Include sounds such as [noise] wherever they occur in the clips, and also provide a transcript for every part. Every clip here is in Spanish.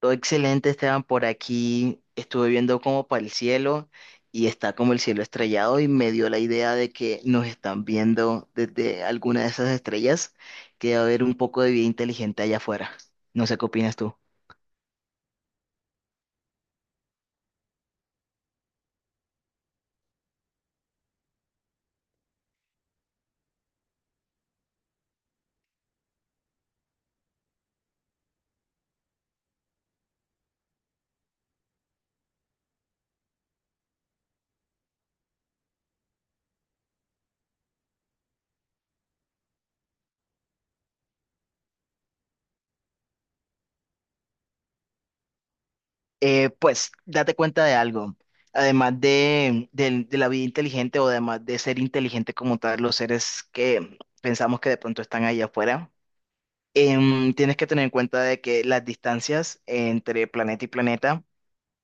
Todo excelente, Esteban, por aquí. Estuve viendo como para el cielo y está como el cielo estrellado y me dio la idea de que nos están viendo desde alguna de esas estrellas, que debe haber un poco de vida inteligente allá afuera. No sé qué opinas tú. Pues date cuenta de algo. Además de la vida inteligente o además de ser inteligente como tal, los seres que pensamos que de pronto están allá afuera, tienes que tener en cuenta de que las distancias entre planeta y planeta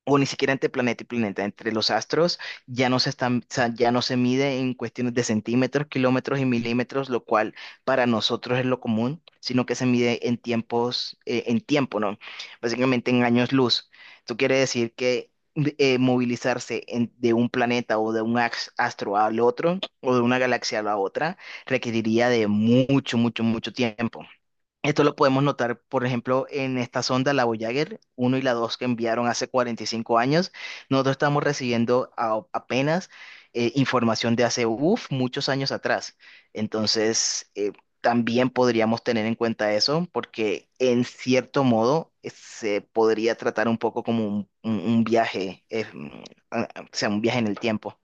o ni siquiera entre planeta y planeta, entre los astros, ya no se están, o sea, ya no se mide en cuestiones de centímetros, kilómetros y milímetros, lo cual para nosotros es lo común, sino que se mide en tiempos, en tiempo, ¿no? Básicamente en años luz. Esto quiere decir que movilizarse de un planeta o de un astro al otro, o de una galaxia a la otra, requeriría de mucho, mucho, mucho tiempo. Esto lo podemos notar, por ejemplo, en esta sonda, la Voyager 1 y la 2 que enviaron hace 45 años. Nosotros estamos recibiendo apenas información de hace uf, muchos años atrás. Entonces, también podríamos tener en cuenta eso, porque en cierto modo se podría tratar un poco como un viaje, o sea, un viaje en el tiempo.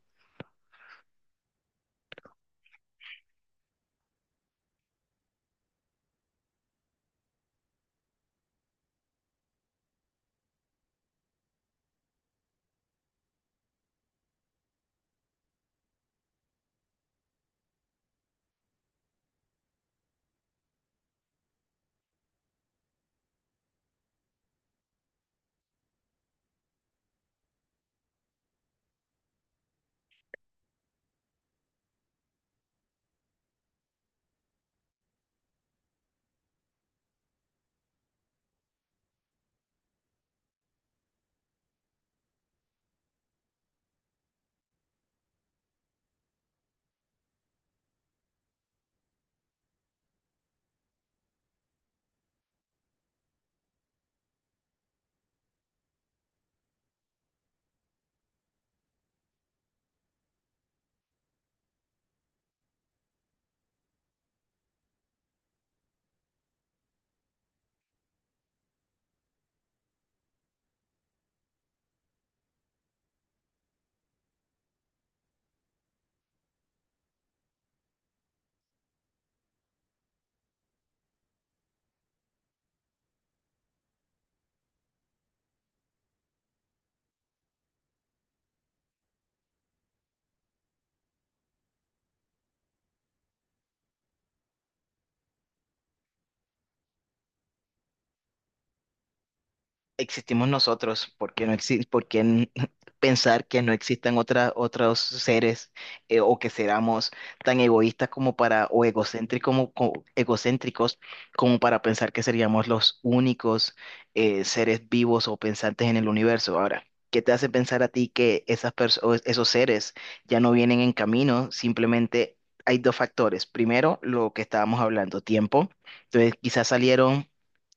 Existimos nosotros, ¿por qué no exi- por qué n- [laughs] pensar que no existan otros seres o que seamos tan egoístas como para, o egocéntricos egocéntricos como para pensar que seríamos los únicos seres vivos o pensantes en el universo? Ahora, ¿qué te hace pensar a ti que esas o esos seres ya no vienen en camino? Simplemente hay dos factores. Primero, lo que estábamos hablando, tiempo. Entonces, quizás salieron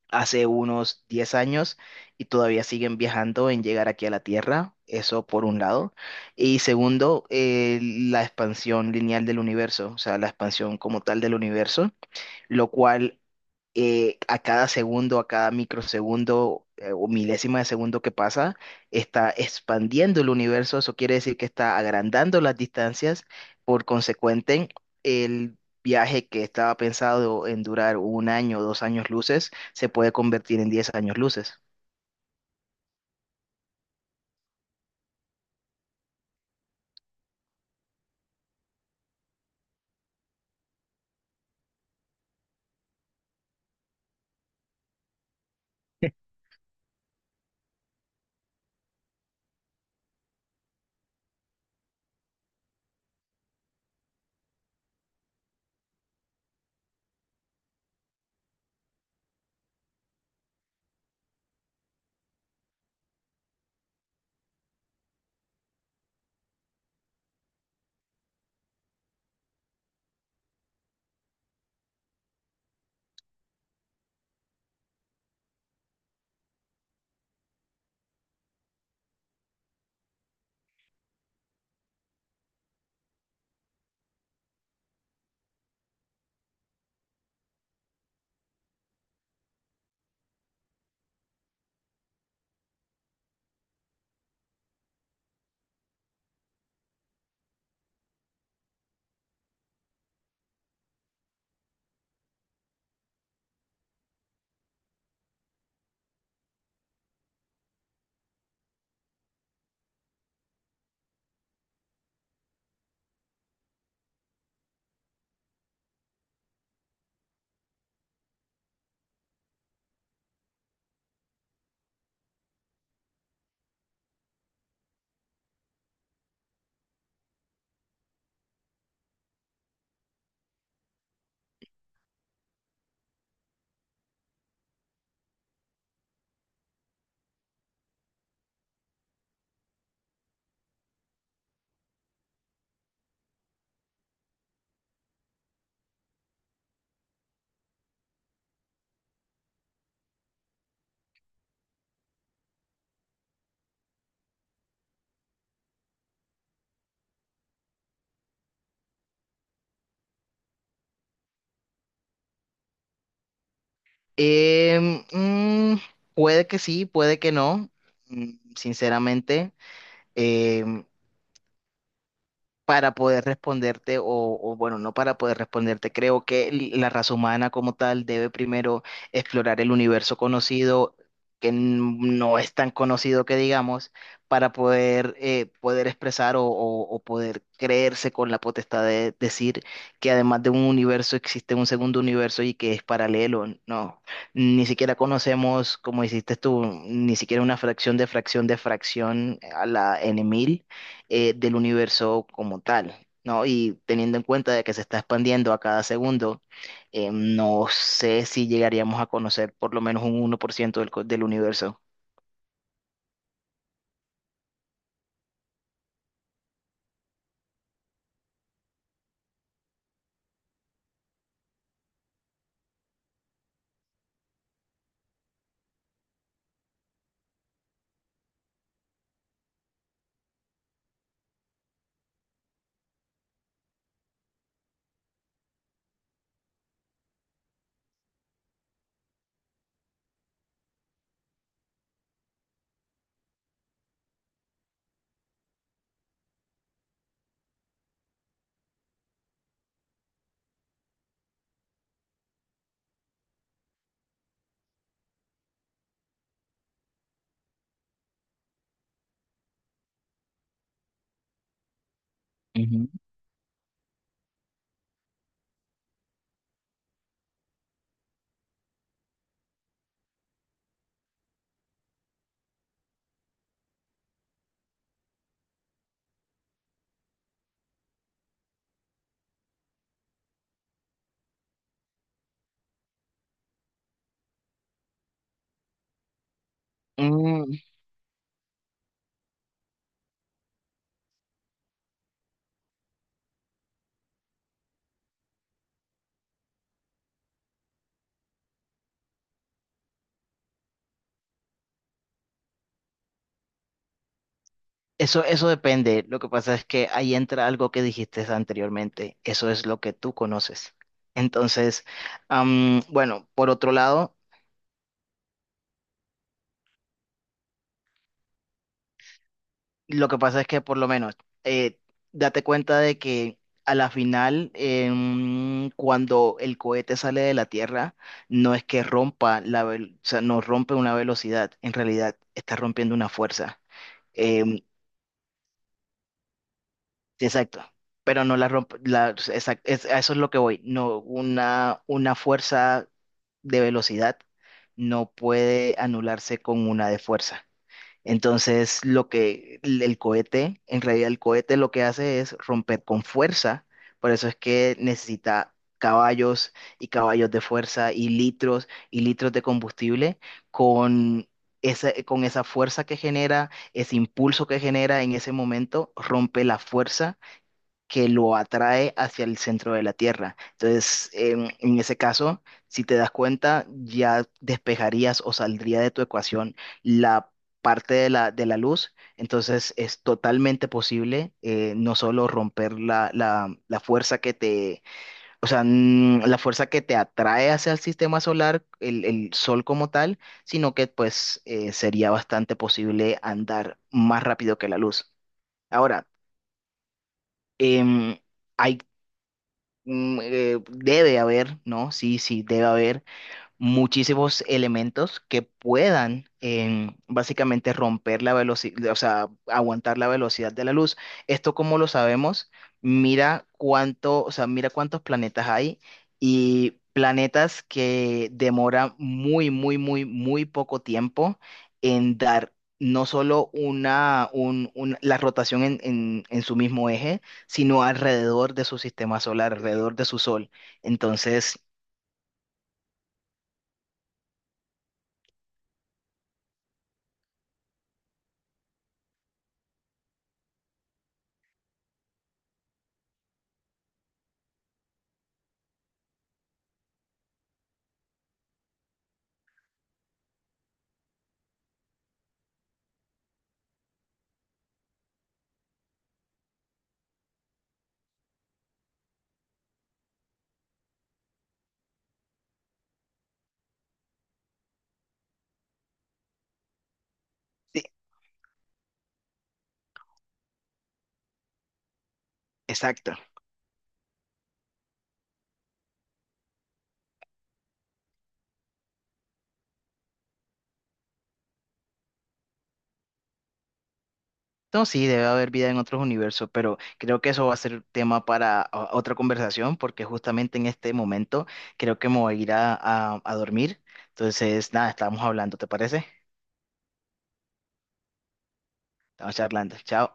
hace unos 10 años y todavía siguen viajando en llegar aquí a la Tierra, eso por un lado. Y segundo, la expansión lineal del universo, o sea, la expansión como tal del universo, lo cual a cada segundo, a cada microsegundo o milésima de segundo que pasa, está expandiendo el universo. Eso quiere decir que está agrandando las distancias. Por consecuente, el viaje que estaba pensado en durar un año o 2 años luces se puede convertir en 10 años luces. Em, mm, puede que sí, puede que no. Sinceramente, em, para poder responderte, o bueno, no para poder responderte, creo que la raza humana como tal debe primero explorar el universo conocido, que no es tan conocido que digamos, para poder, poder expresar o poder creerse con la potestad de decir que además de un universo existe un segundo universo y que es paralelo. No, ni siquiera conocemos, como hiciste tú, ni siquiera una fracción de fracción de fracción a la n, del universo como tal, ¿no? Y teniendo en cuenta de que se está expandiendo a cada segundo, no sé si llegaríamos a conocer por lo menos un 1% del universo. Ujú. Mm, eso, eso depende. Lo que pasa es que ahí entra algo que dijiste anteriormente. Eso es lo que tú conoces. Entonces, bueno, por otro lado, lo que pasa es que por lo menos, eh, date cuenta de que a la final, cuando el cohete sale de la Tierra, no es que rompa la, o sea, no rompe una velocidad, en realidad está rompiendo una fuerza. Em, exacto, pero no la rompe, a eso es lo que voy, no, una fuerza de velocidad no puede anularse con una de fuerza. Entonces, lo que el cohete, en realidad el cohete lo que hace es romper con fuerza, por eso es que necesita caballos y caballos de fuerza y litros de combustible con con esa fuerza que genera, ese impulso que genera en ese momento, rompe la fuerza que lo atrae hacia el centro de la Tierra. Entonces, en ese caso, si te das cuenta, ya despejarías o saldría de tu ecuación la parte de de la luz. Entonces, es totalmente posible no solo romper la fuerza que te, o sea, la fuerza que te atrae hacia el sistema solar, el sol como tal, sino que pues sería bastante posible andar más rápido que la luz. Ahora, em, hay debe haber, ¿no? Sí, sí, debe haber muchísimos elementos que puedan básicamente romper la velocidad, o sea, aguantar la velocidad de la luz. Esto, como lo sabemos, mira cuánto, o sea, mira cuántos planetas hay y planetas que demoran muy, muy, muy, muy poco tiempo en dar no solo la rotación en, en su mismo eje, sino alrededor de su sistema solar, alrededor de su sol. Entonces, sí, exacto. No, sí, debe haber vida en otros universos, pero creo que eso va a ser tema para otra conversación, porque justamente en este momento creo que me voy a ir a dormir. Entonces, nada, estamos hablando, ¿te parece? Estamos charlando. Chao.